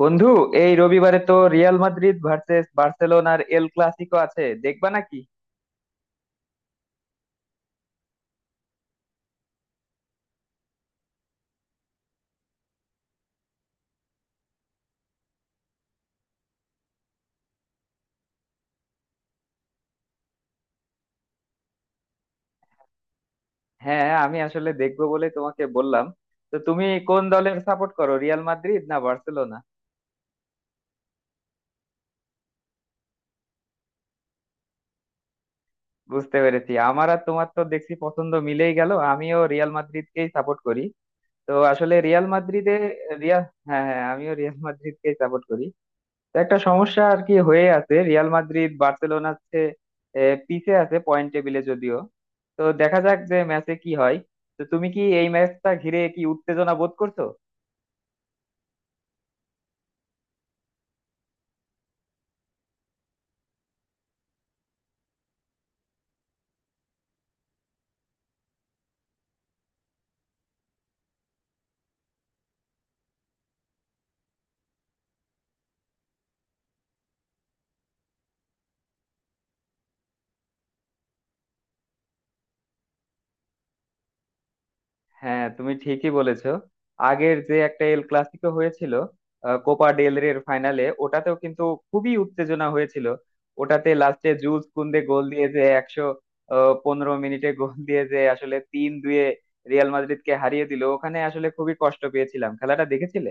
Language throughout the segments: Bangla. বন্ধু, এই রবিবারে তো রিয়াল মাদ্রিদ ভার্সেস বার্সেলোনার এল ক্লাসিকো আছে, দেখবা নাকি? হ্যাঁ, আমি আসলে দেখবো বলে তোমাকে বললাম। তো তুমি কোন দলের সাপোর্ট করো, রিয়াল মাদ্রিদ না বার্সেলোনা? বুঝতে পেরেছি, আমার আর তোমার তো দেখছি পছন্দ মিলেই গেল, আমিও রিয়াল মাদ্রিদকেই সাপোর্ট করি। তো আসলে রিয়াল মাদ্রিদে রিয়াল, হ্যাঁ হ্যাঁ, আমিও রিয়াল মাদ্রিদকেই সাপোর্ট করি। তো একটা সমস্যা আর কি হয়ে আছে, রিয়াল মাদ্রিদ বার্সেলোনার চেয়ে পিছে আছে পয়েন্ট টেবিলে যদিও। তো দেখা যাক যে ম্যাচে কি হয়। তো তুমি কি এই ম্যাচটা ঘিরে কি উত্তেজনা বোধ করছো? হ্যাঁ তুমি ঠিকই বলেছো, আগের যে একটা এল ক্লাসিকো হয়েছিল কোপা ডেল রের ফাইনালে, ওটাতেও কিন্তু খুবই উত্তেজনা হয়েছিল। ওটাতে লাস্টে জুস কুন্দে গোল দিয়ে যে একশো পনেরো মিনিটে গোল দিয়ে যে আসলে 3-2 রিয়াল মাদ্রিদকে হারিয়ে দিল, ওখানে আসলে খুবই কষ্ট পেয়েছিলাম। খেলাটা দেখেছিলে?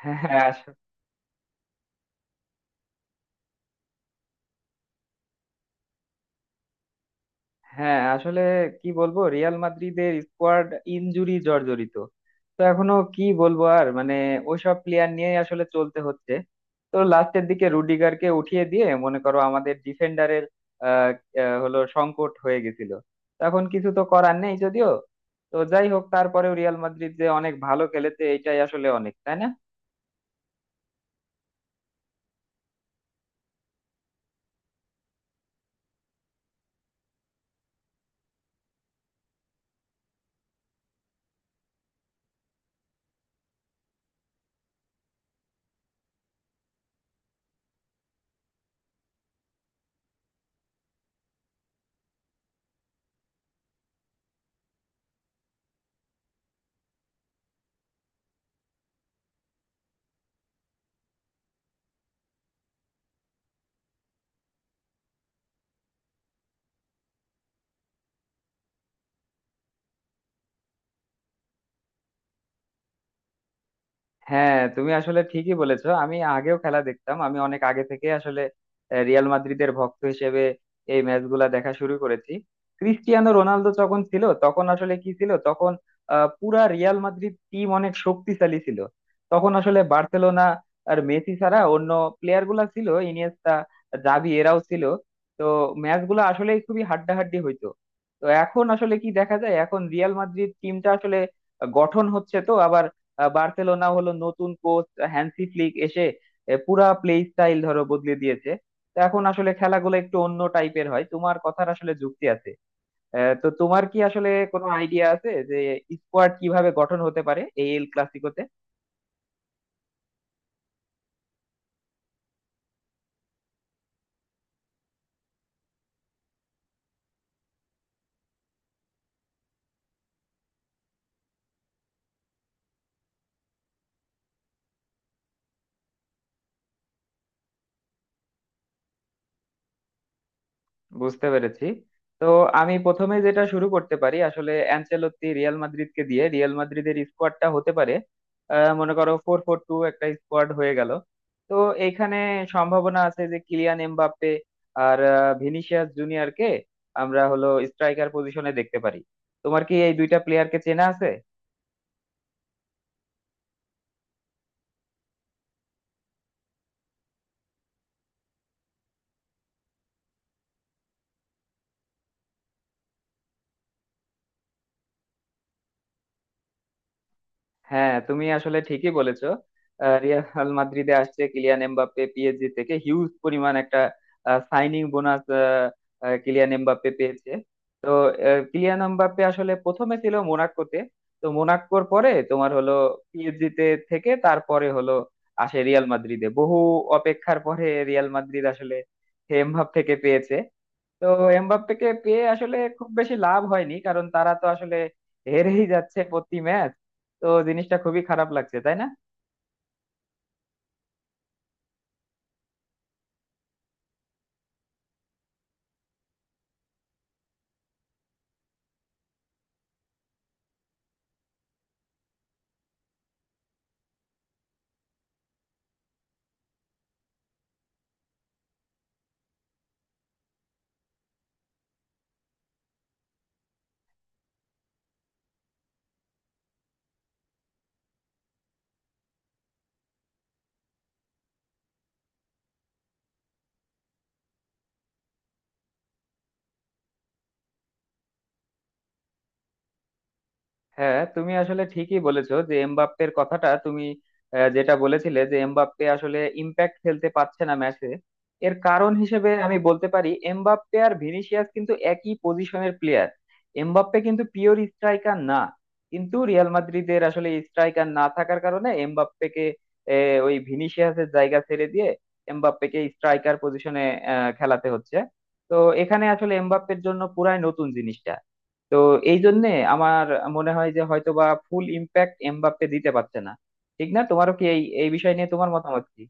হ্যাঁ হ্যাঁ, হ্যাঁ আসলে কি বলবো, রিয়াল মাদ্রিদের স্কোয়াড ইনজুরি জর্জরিত। তো এখনো কি বলবো আর, মানে ওইসব প্লেয়ার নিয়েই আসলে চলতে হচ্ছে। তো লাস্টের দিকে রুডিগারকে উঠিয়ে দিয়ে মনে করো আমাদের ডিফেন্ডারের আহ আহ, হলো সংকট হয়ে গেছিল। তখন কিছু তো করার নেই যদিও। তো যাই হোক, তারপরেও রিয়াল মাদ্রিদ যে অনেক ভালো খেলেছে, এটাই আসলে অনেক, তাই না? হ্যাঁ তুমি আসলে ঠিকই বলেছো, আমি আগেও খেলা দেখতাম, আমি অনেক আগে থেকে আসলে রিয়াল মাদ্রিদের ভক্ত হিসেবে এই ম্যাচগুলা দেখা শুরু করেছি। ক্রিস্টিয়ানো রোনালদো যখন ছিল তখন আসলে কি ছিল, তখন পুরা রিয়াল মাদ্রিদ টিম অনেক শক্তিশালী ছিল। তখন আসলে বার্সেলোনা আর মেসি ছাড়া অন্য প্লেয়ার গুলা ছিল ইনিয়েস্তা, জাভি, এরাও ছিল। তো ম্যাচ গুলো আসলে খুবই হাড্ডাহাড্ডি হইতো। তো এখন আসলে কি দেখা যায়, এখন রিয়াল মাদ্রিদ টিমটা আসলে গঠন হচ্ছে তো আবার। বার্সেলোনা হলো নতুন কোচ হ্যান্সি ফ্লিক এসে পুরা প্লে স্টাইল ধরো বদলে দিয়েছে। তো এখন আসলে খেলাগুলো একটু অন্য টাইপের হয়, তোমার কথার আসলে যুক্তি আছে। তো তোমার কি আসলে কোনো আইডিয়া আছে যে স্কোয়াড কিভাবে গঠন হতে পারে এই এল ক্লাসিকোতে? বুঝতে পেরেছি। তো আমি প্রথমে যেটা শুরু করতে পারি, আসলে অ্যানচেলত্তি রিয়াল মাদ্রিদকে দিয়ে রিয়াল মাদ্রিদের স্কোয়াডটা হতে পারে মনে করো 4-4-2 একটা স্কোয়াড হয়ে গেল। তো এখানে সম্ভাবনা আছে যে কিলিয়ান এমবাপ্পে আর ভিনিসিয়াস জুনিয়রকে আমরা হলো স্ট্রাইকার পজিশনে দেখতে পারি। তোমার কি এই দুইটা প্লেয়ারকে চেনা আছে? হ্যাঁ তুমি আসলে ঠিকই বলেছো, রিয়াল মাদ্রিদে আসছে কিলিয়ান এমবাপ্পে পিএসজি থেকে, হিউজ পরিমাণ একটা সাইনিং বোনাস কিলিয়ান এমবাপ্পে পেয়েছে। তো কিলিয়ান এমবাপ্পে আসলে প্রথমে ছিল মোনাকোতে। তো মোনাকোর পরে তোমার হলো পিএসজি তে থেকে তারপরে হলো আসে রিয়াল মাদ্রিদে, বহু অপেক্ষার পরে রিয়াল মাদ্রিদ আসলে এমবাপ্পেকে পেয়েছে। তো এমবাপ্পেকে পেয়ে আসলে খুব বেশি লাভ হয়নি, কারণ তারা তো আসলে হেরেই যাচ্ছে প্রতি ম্যাচ। তো জিনিসটা খুবই খারাপ লাগছে, তাই না? হ্যাঁ তুমি আসলে ঠিকই বলেছো যে এমবাপ্পের কথাটা তুমি যেটা বলেছিলে যে এমবাপ্পে আসলে ইম্প্যাক্ট খেলতে পারছে না ম্যাচে। এর কারণ হিসেবে আমি বলতে পারি, এমবাপ্পে আর ভিনিসিয়াস কিন্তু একই পজিশনের প্লেয়ার। এমবাপ্পে কিন্তু পিওর স্ট্রাইকার না, কিন্তু রিয়াল মাদ্রিদের আসলে স্ট্রাইকার না থাকার কারণে এমবাপ্পেকে ওই ভিনিসিয়াসের জায়গা ছেড়ে দিয়ে এমবাপ্পেকে স্ট্রাইকার পজিশনে খেলাতে হচ্ছে। তো এখানে আসলে এমবাপ্পের জন্য পুরাই নতুন জিনিস। তো এই জন্যে আমার মনে হয় যে হয়তোবা ফুল ইম্প্যাক্ট এমবাপ্পে দিতে পারছে না, ঠিক না? তোমারও কি এই এই বিষয় নিয়ে তোমার মতামত কি?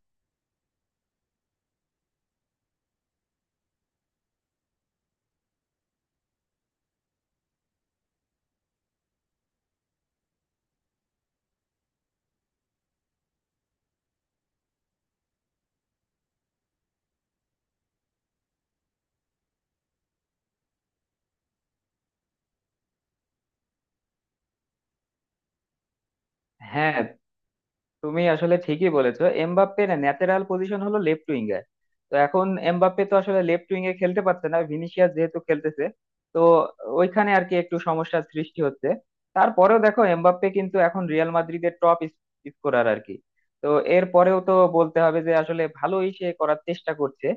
হ্যাঁ তুমি আসলে ঠিকই বলেছো, এমবাপ্পের ন্যাচারাল পজিশন হলো লেফট উইং এ। তো এখন এমবাপ্পে তো আসলে লেফট উইং এ খেলতে পারছে না, ভিনিসিয়াস যেহেতু খেলতেছে। তো ওইখানে আর কি একটু সমস্যার সৃষ্টি হচ্ছে। তারপরেও দেখো, এমবাপ্পে কিন্তু এখন রিয়াল মাদ্রিদের টপ স্কোরার আর কি। তো এর পরেও তো বলতে হবে যে আসলে ভালোই সে করার চেষ্টা করছে।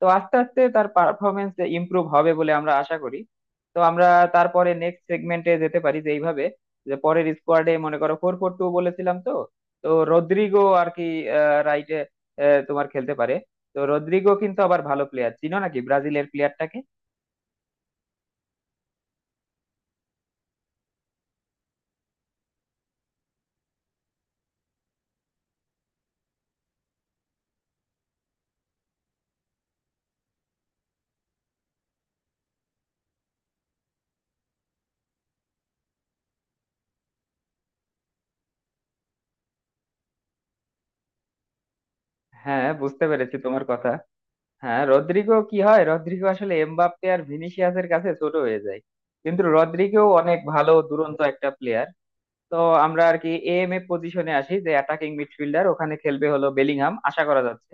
তো আস্তে আস্তে তার পারফরমেন্স ইমপ্রুভ হবে বলে আমরা আশা করি। তো আমরা তারপরে নেক্সট সেগমেন্টে যেতে পারি, যে এইভাবে যে পরের স্কোয়াডে মনে করো ফোর ফোর টু বলেছিলাম তো, তো রদ্রিগো আর কি রাইটে তোমার খেলতে পারে। তো রদ্রিগো কিন্তু আবার ভালো প্লেয়ার, চিনো নাকি ব্রাজিলের প্লেয়ারটাকে? হ্যাঁ বুঝতে পেরেছি তোমার কথা। হ্যাঁ রদ্রিগো কি হয়, রদ্রিগো আসলে এমবাপ্পে আর ভিনিসিয়াসের কাছে ছোট হয়ে যায়, কিন্তু রদ্রিগো অনেক ভালো দুরন্ত একটা প্লেয়ার। তো আমরা আর কি এএম এ পজিশনে আসি, যে অ্যাটাকিং মিডফিল্ডার ওখানে খেলবে হলো বেলিংহাম আশা করা যাচ্ছে।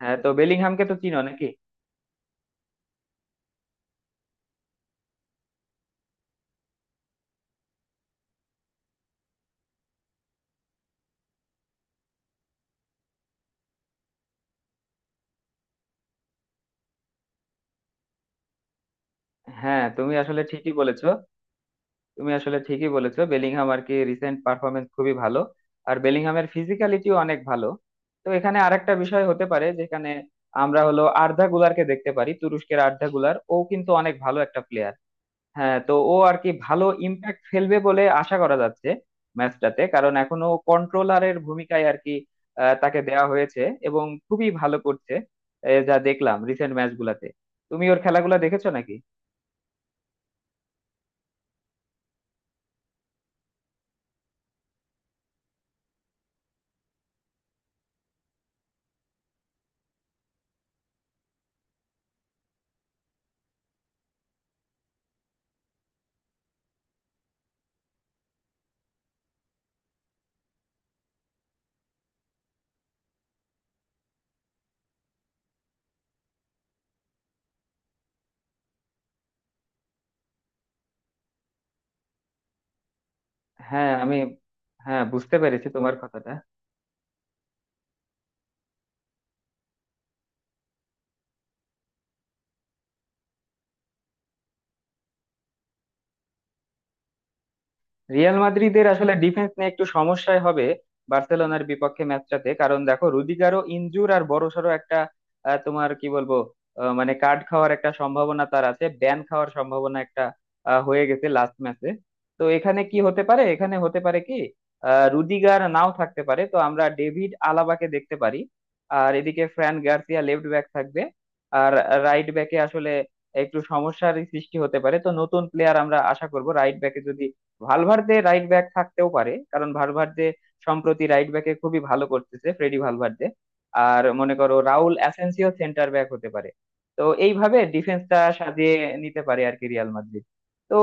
হ্যাঁ, তো বেলিংহামকে তো চিনো নাকি? হ্যাঁ তুমি আসলে ঠিকই বলেছো, তুমি আসলে ঠিকই বলেছো, বেলিংহাম আর কি রিসেন্ট পারফরমেন্স খুবই ভালো। আর বেলিংহামের ফিজিক্যালিটিও অনেক ভালো। তো এখানে আরেকটা বিষয় হতে পারে যেখানে আমরা হলো আর্ধা গুলারকে দেখতে পারি, তুরস্কের আর্ধা গুলার, ও কিন্তু অনেক ভালো একটা প্লেয়ার। হ্যাঁ, তো ও আর কি ভালো ইম্প্যাক্ট ফেলবে বলে আশা করা যাচ্ছে ম্যাচটাতে, কারণ এখনো কন্ট্রোলারের ভূমিকায় আর কি তাকে দেওয়া হয়েছে এবং খুবই ভালো করছে যা দেখলাম রিসেন্ট ম্যাচগুলাতে। তুমি ওর খেলাগুলো দেখেছো নাকি? হ্যাঁ আমি হ্যাঁ বুঝতে পেরেছি তোমার কথাটা। রিয়াল মাদ্রিদের আসলে ডিফেন্স নিয়ে একটু সমস্যায় হবে বার্সেলোনার বিপক্ষে ম্যাচটাতে, কারণ দেখো রুদিগারও ইনজুর, আর বড়সড় একটা তোমার কি বলবো মানে কার্ড খাওয়ার একটা সম্ভাবনা তার আছে, ব্যান খাওয়ার সম্ভাবনা একটা হয়ে গেছে লাস্ট ম্যাচে। তো এখানে কি হতে পারে, এখানে হতে পারে কি রুদিগার নাও থাকতে পারে, তো আমরা ডেভিড আলাবাকে দেখতে পারি। আর এদিকে ফ্রান গার্সিয়া লেফট ব্যাক থাকবে। আর রাইট ব্যাকে আসলে একটু সমস্যার সৃষ্টি হতে পারে। তো নতুন প্লেয়ার আমরা আশা করব রাইট ব্যাকে, যদি ভালভার্দে রাইট ব্যাক থাকতেও পারে, কারণ ভালভার্দে সম্প্রতি রাইট ব্যাকে খুবই ভালো করতেছে, ফ্রেডি ভালভার্দে। আর মনে করো রাউল অ্যাসেন্সিও সেন্টার ব্যাক হতে পারে। তো এইভাবে ডিফেন্সটা সাজিয়ে নিতে পারে আর কি রিয়াল মাদ্রিদ। তো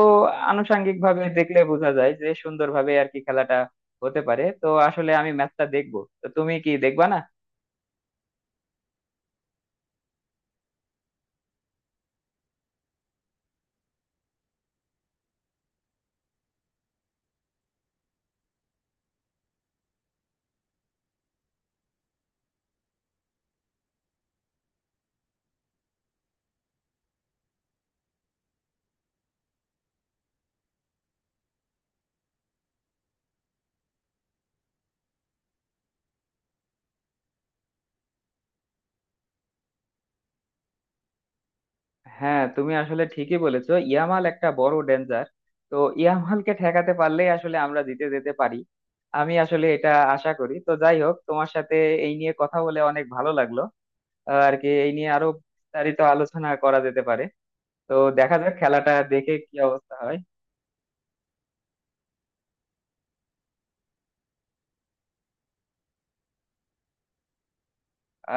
আনুষাঙ্গিক ভাবে দেখলে বোঝা যায় যে সুন্দরভাবে আর কি খেলাটা হতে পারে। তো আসলে আমি ম্যাচটা দেখবো, তো তুমি কি দেখবা না? হ্যাঁ তুমি আসলে ঠিকই বলেছো, ইয়ামাল একটা বড় ডেঞ্জার। তো ইয়ামালকে ঠেকাতে পারলেই আসলে আমরা জিতে যেতে পারি, আমি আসলে এটা আশা করি। তো যাই হোক, তোমার সাথে এই নিয়ে কথা বলে অনেক ভালো লাগলো। আর কি এই নিয়ে আরো বিস্তারিত আলোচনা করা যেতে পারে। তো দেখা যাক খেলাটা দেখে কি অবস্থা হয়।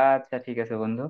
আচ্ছা, ঠিক আছে বন্ধু।